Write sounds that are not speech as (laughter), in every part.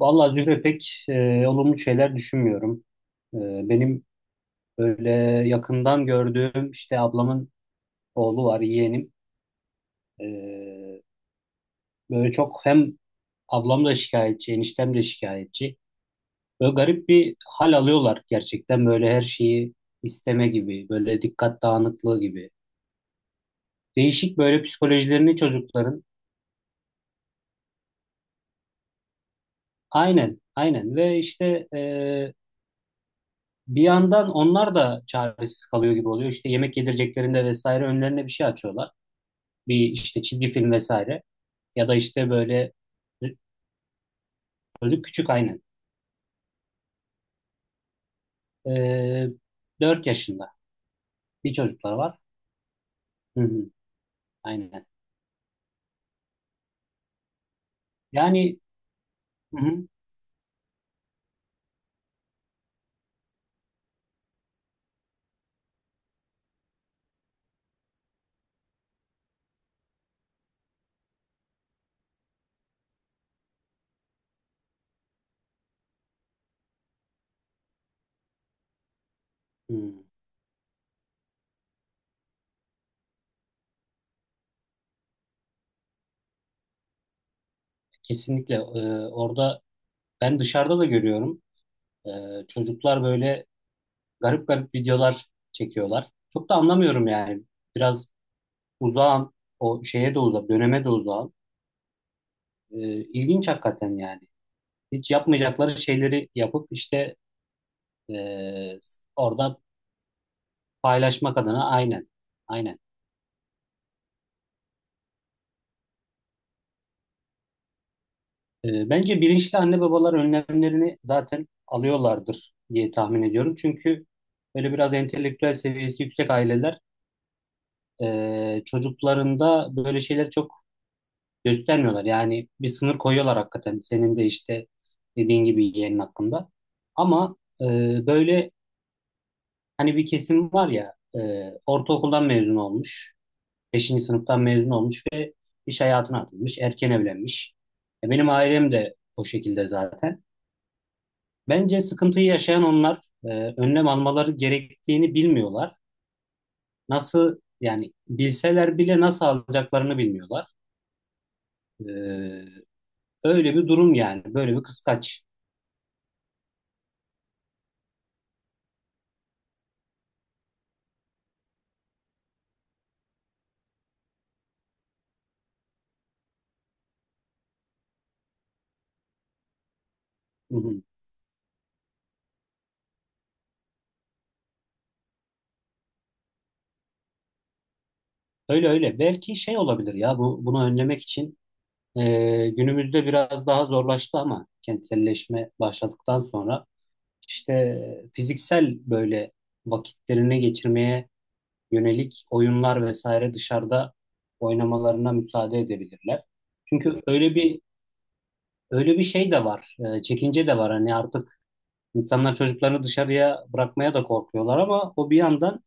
Vallahi Zühre pek olumlu şeyler düşünmüyorum. E, benim böyle yakından gördüğüm işte ablamın oğlu var, yeğenim. E, böyle çok hem ablam da şikayetçi, eniştem de şikayetçi. Böyle garip bir hal alıyorlar gerçekten böyle her şeyi isteme gibi, böyle dikkat dağınıklığı gibi. Değişik böyle psikolojilerini çocukların. Aynen, aynen ve işte bir yandan onlar da çaresiz kalıyor gibi oluyor. İşte yemek yedireceklerinde vesaire önlerine bir şey açıyorlar. Bir işte çizgi film vesaire ya da işte böyle çocuk küçük aynen. Ee, 4 yaşında bir çocuklar var. Hı hı, aynen. Yani hı hı, hı, kesinlikle orada ben dışarıda da görüyorum. Çocuklar böyle garip garip videolar çekiyorlar. Çok da anlamıyorum yani. Biraz uzağım. O şeye de uzak, döneme de uzağım. İlginç hakikaten yani. Hiç yapmayacakları şeyleri yapıp işte ee, orada paylaşmak adına aynen. Aynen. Bence bilinçli anne babalar önlemlerini zaten alıyorlardır diye tahmin ediyorum. Çünkü böyle biraz entelektüel seviyesi yüksek aileler çocuklarında böyle şeyleri çok göstermiyorlar. Yani bir sınır koyuyorlar hakikaten. Senin de işte dediğin gibi yeğenin hakkında. Ama e, böyle hani bir kesim var ya ortaokuldan mezun olmuş. 5. sınıftan mezun olmuş ve iş hayatına atılmış, erken evlenmiş. Benim ailem de o şekilde zaten. Bence sıkıntıyı yaşayan onlar önlem almaları gerektiğini bilmiyorlar. Nasıl yani bilseler bile nasıl alacaklarını bilmiyorlar. E, öyle bir durum yani, böyle bir kıskaç. Hı hı. Öyle öyle. Belki şey olabilir ya bu bunu önlemek için günümüzde biraz daha zorlaştı ama kentselleşme başladıktan sonra işte fiziksel böyle vakitlerini geçirmeye yönelik oyunlar vesaire dışarıda oynamalarına müsaade edebilirler. Çünkü öyle bir şey de var. Çekince de var. Hani artık insanlar çocuklarını dışarıya bırakmaya da korkuyorlar ama o bir yandan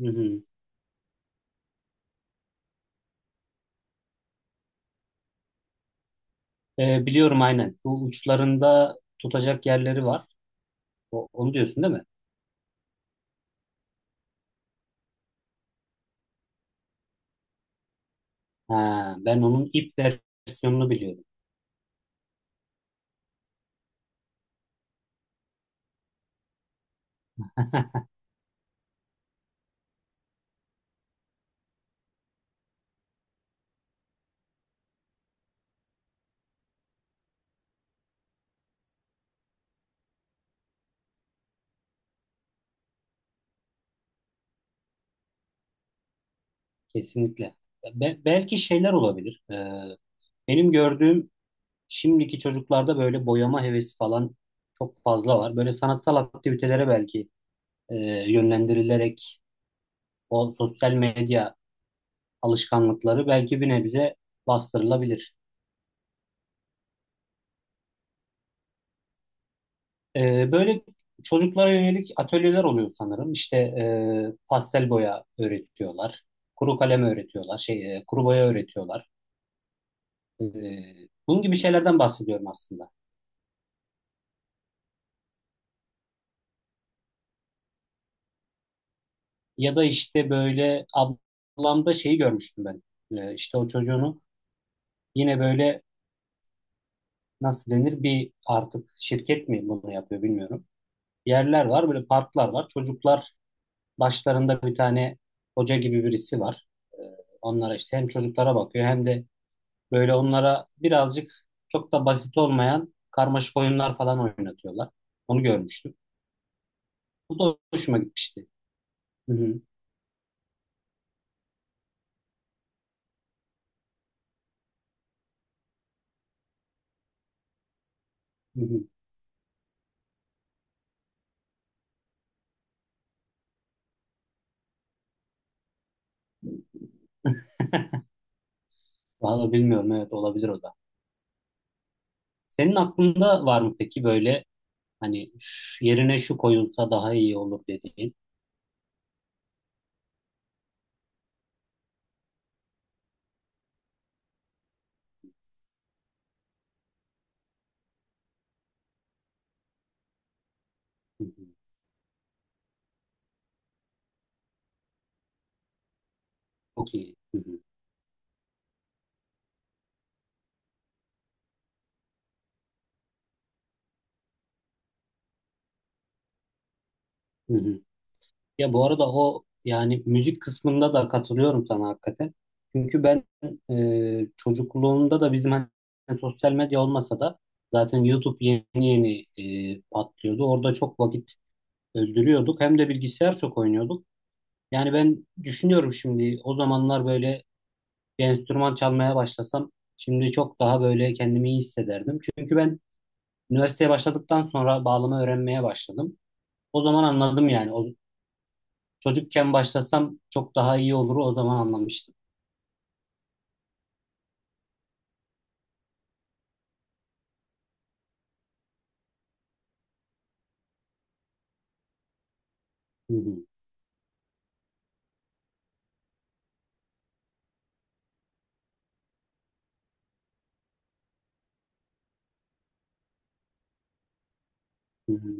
hı hı. Biliyorum aynen. Bu uçlarında tutacak yerleri var. Onu diyorsun değil mi? Ha, ben onun ip versiyonunu biliyorum. (laughs) Kesinlikle. Belki şeyler olabilir. Benim gördüğüm şimdiki çocuklarda böyle boyama hevesi falan çok fazla var. Böyle sanatsal aktivitelere belki e, yönlendirilerek o sosyal medya alışkanlıkları belki bir nebze bastırılabilir. Böyle çocuklara yönelik atölyeler oluyor sanırım. İşte pastel boya öğretiyorlar, kuru kalem öğretiyorlar, kuru boya öğretiyorlar. E, bunun gibi şeylerden bahsediyorum aslında. Ya da işte böyle ablamda şeyi görmüştüm ben. E, işte o çocuğunu yine böyle nasıl denir bir artık şirket mi bunu yapıyor bilmiyorum. Yerler var böyle parklar var. Çocuklar başlarında bir tane hoca gibi birisi var. Ee, onlara işte hem çocuklara bakıyor hem de böyle onlara birazcık çok da basit olmayan karmaşık oyunlar falan oynatıyorlar. Onu görmüştüm. Bu da hoşuma gitmişti. Hı hı, hı hı. (laughs) Vallahi bilmiyorum, evet olabilir o da. Senin aklında var mı peki böyle hani şu- yerine şu koyulsa daha iyi olur dediğin? Hı hı. Çok iyi. Hı hı. Hı hı. Ya bu arada o yani müzik kısmında da katılıyorum sana hakikaten. Çünkü ben çocukluğumda da bizim hani sosyal medya olmasa da zaten YouTube yeni yeni patlıyordu. Orada çok vakit öldürüyorduk. Hem de bilgisayar çok oynuyorduk. Yani ben düşünüyorum şimdi o zamanlar böyle bir enstrüman çalmaya başlasam şimdi çok daha böyle kendimi iyi hissederdim. Çünkü ben üniversiteye başladıktan sonra bağlama öğrenmeye başladım. O zaman anladım yani. Çocukken başlasam çok daha iyi olur, o zaman anlamıştım. Hı hı, hı hı.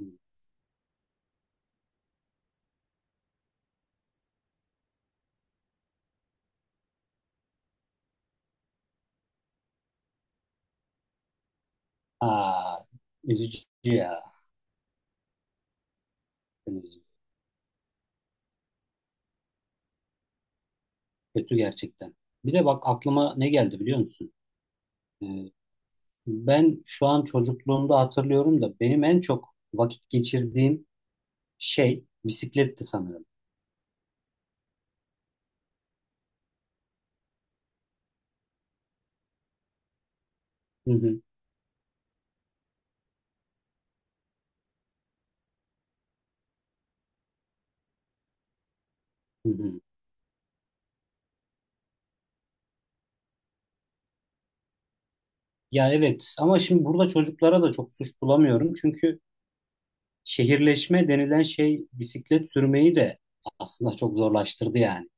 Aa, üzücü ya. Üzücü. Kötü gerçekten. Bir de bak, aklıma ne geldi biliyor musun? Ee, ben şu an çocukluğumda hatırlıyorum da benim en çok vakit geçirdiğim şey bisikletti sanırım. Hı hı, hı hı. Ya evet, ama şimdi burada çocuklara da çok suç bulamıyorum. Çünkü şehirleşme denilen şey bisiklet sürmeyi de aslında çok zorlaştırdı yani.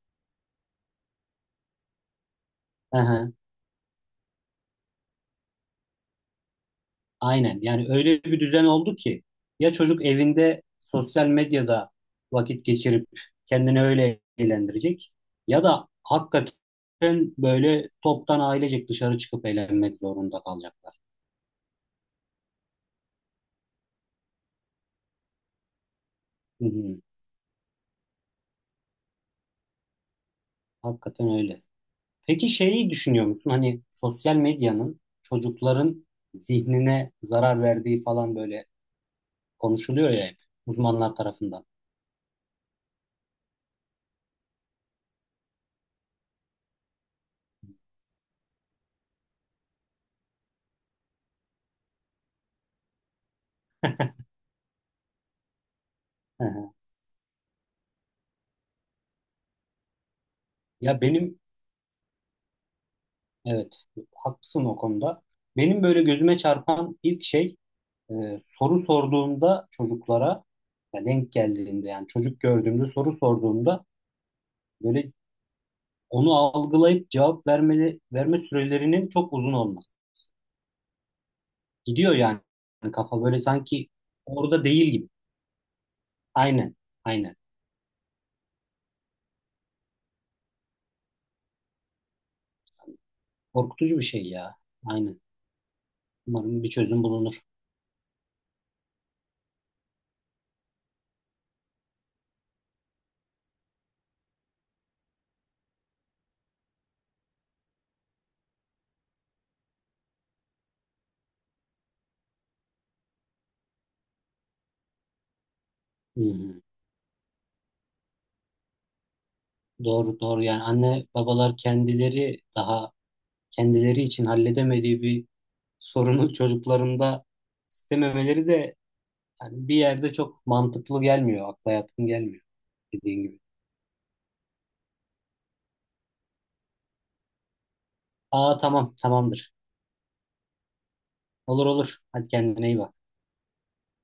(laughs) Aynen. Yani öyle bir düzen oldu ki ya çocuk evinde sosyal medyada vakit geçirip kendini öyle eğlendirecek ya da hakikaten böyle toptan ailecek dışarı çıkıp eğlenmek zorunda kalacaklar. Hı hı. Hakikaten öyle. Peki şeyi düşünüyor musun? Hani sosyal medyanın çocukların zihnine zarar verdiği falan böyle konuşuluyor ya hep uzmanlar tarafından. Hı hı. Ya benim Evet, haklısın o konuda. Benim böyle gözüme çarpan ilk şey e, soru sorduğumda çocuklara ya denk geldiğinde, yani çocuk gördüğümde soru sorduğumda böyle onu algılayıp cevap vermeli, verme sürelerinin çok uzun olması. Gidiyor yani. Yani kafa böyle sanki orada değil gibi. Aynen, aynen. Korkutucu bir şey ya. Aynen. Umarım bir çözüm bulunur. Hı hı. Doğru, doğru. Yani anne babalar kendileri daha kendileri için halledemediği bir sorunu çocuklarında istememeleri de yani bir yerde çok mantıklı gelmiyor. Akla yatkın gelmiyor dediğin gibi. Aa tamam, tamamdır. Olur olur. Hadi kendine iyi bak.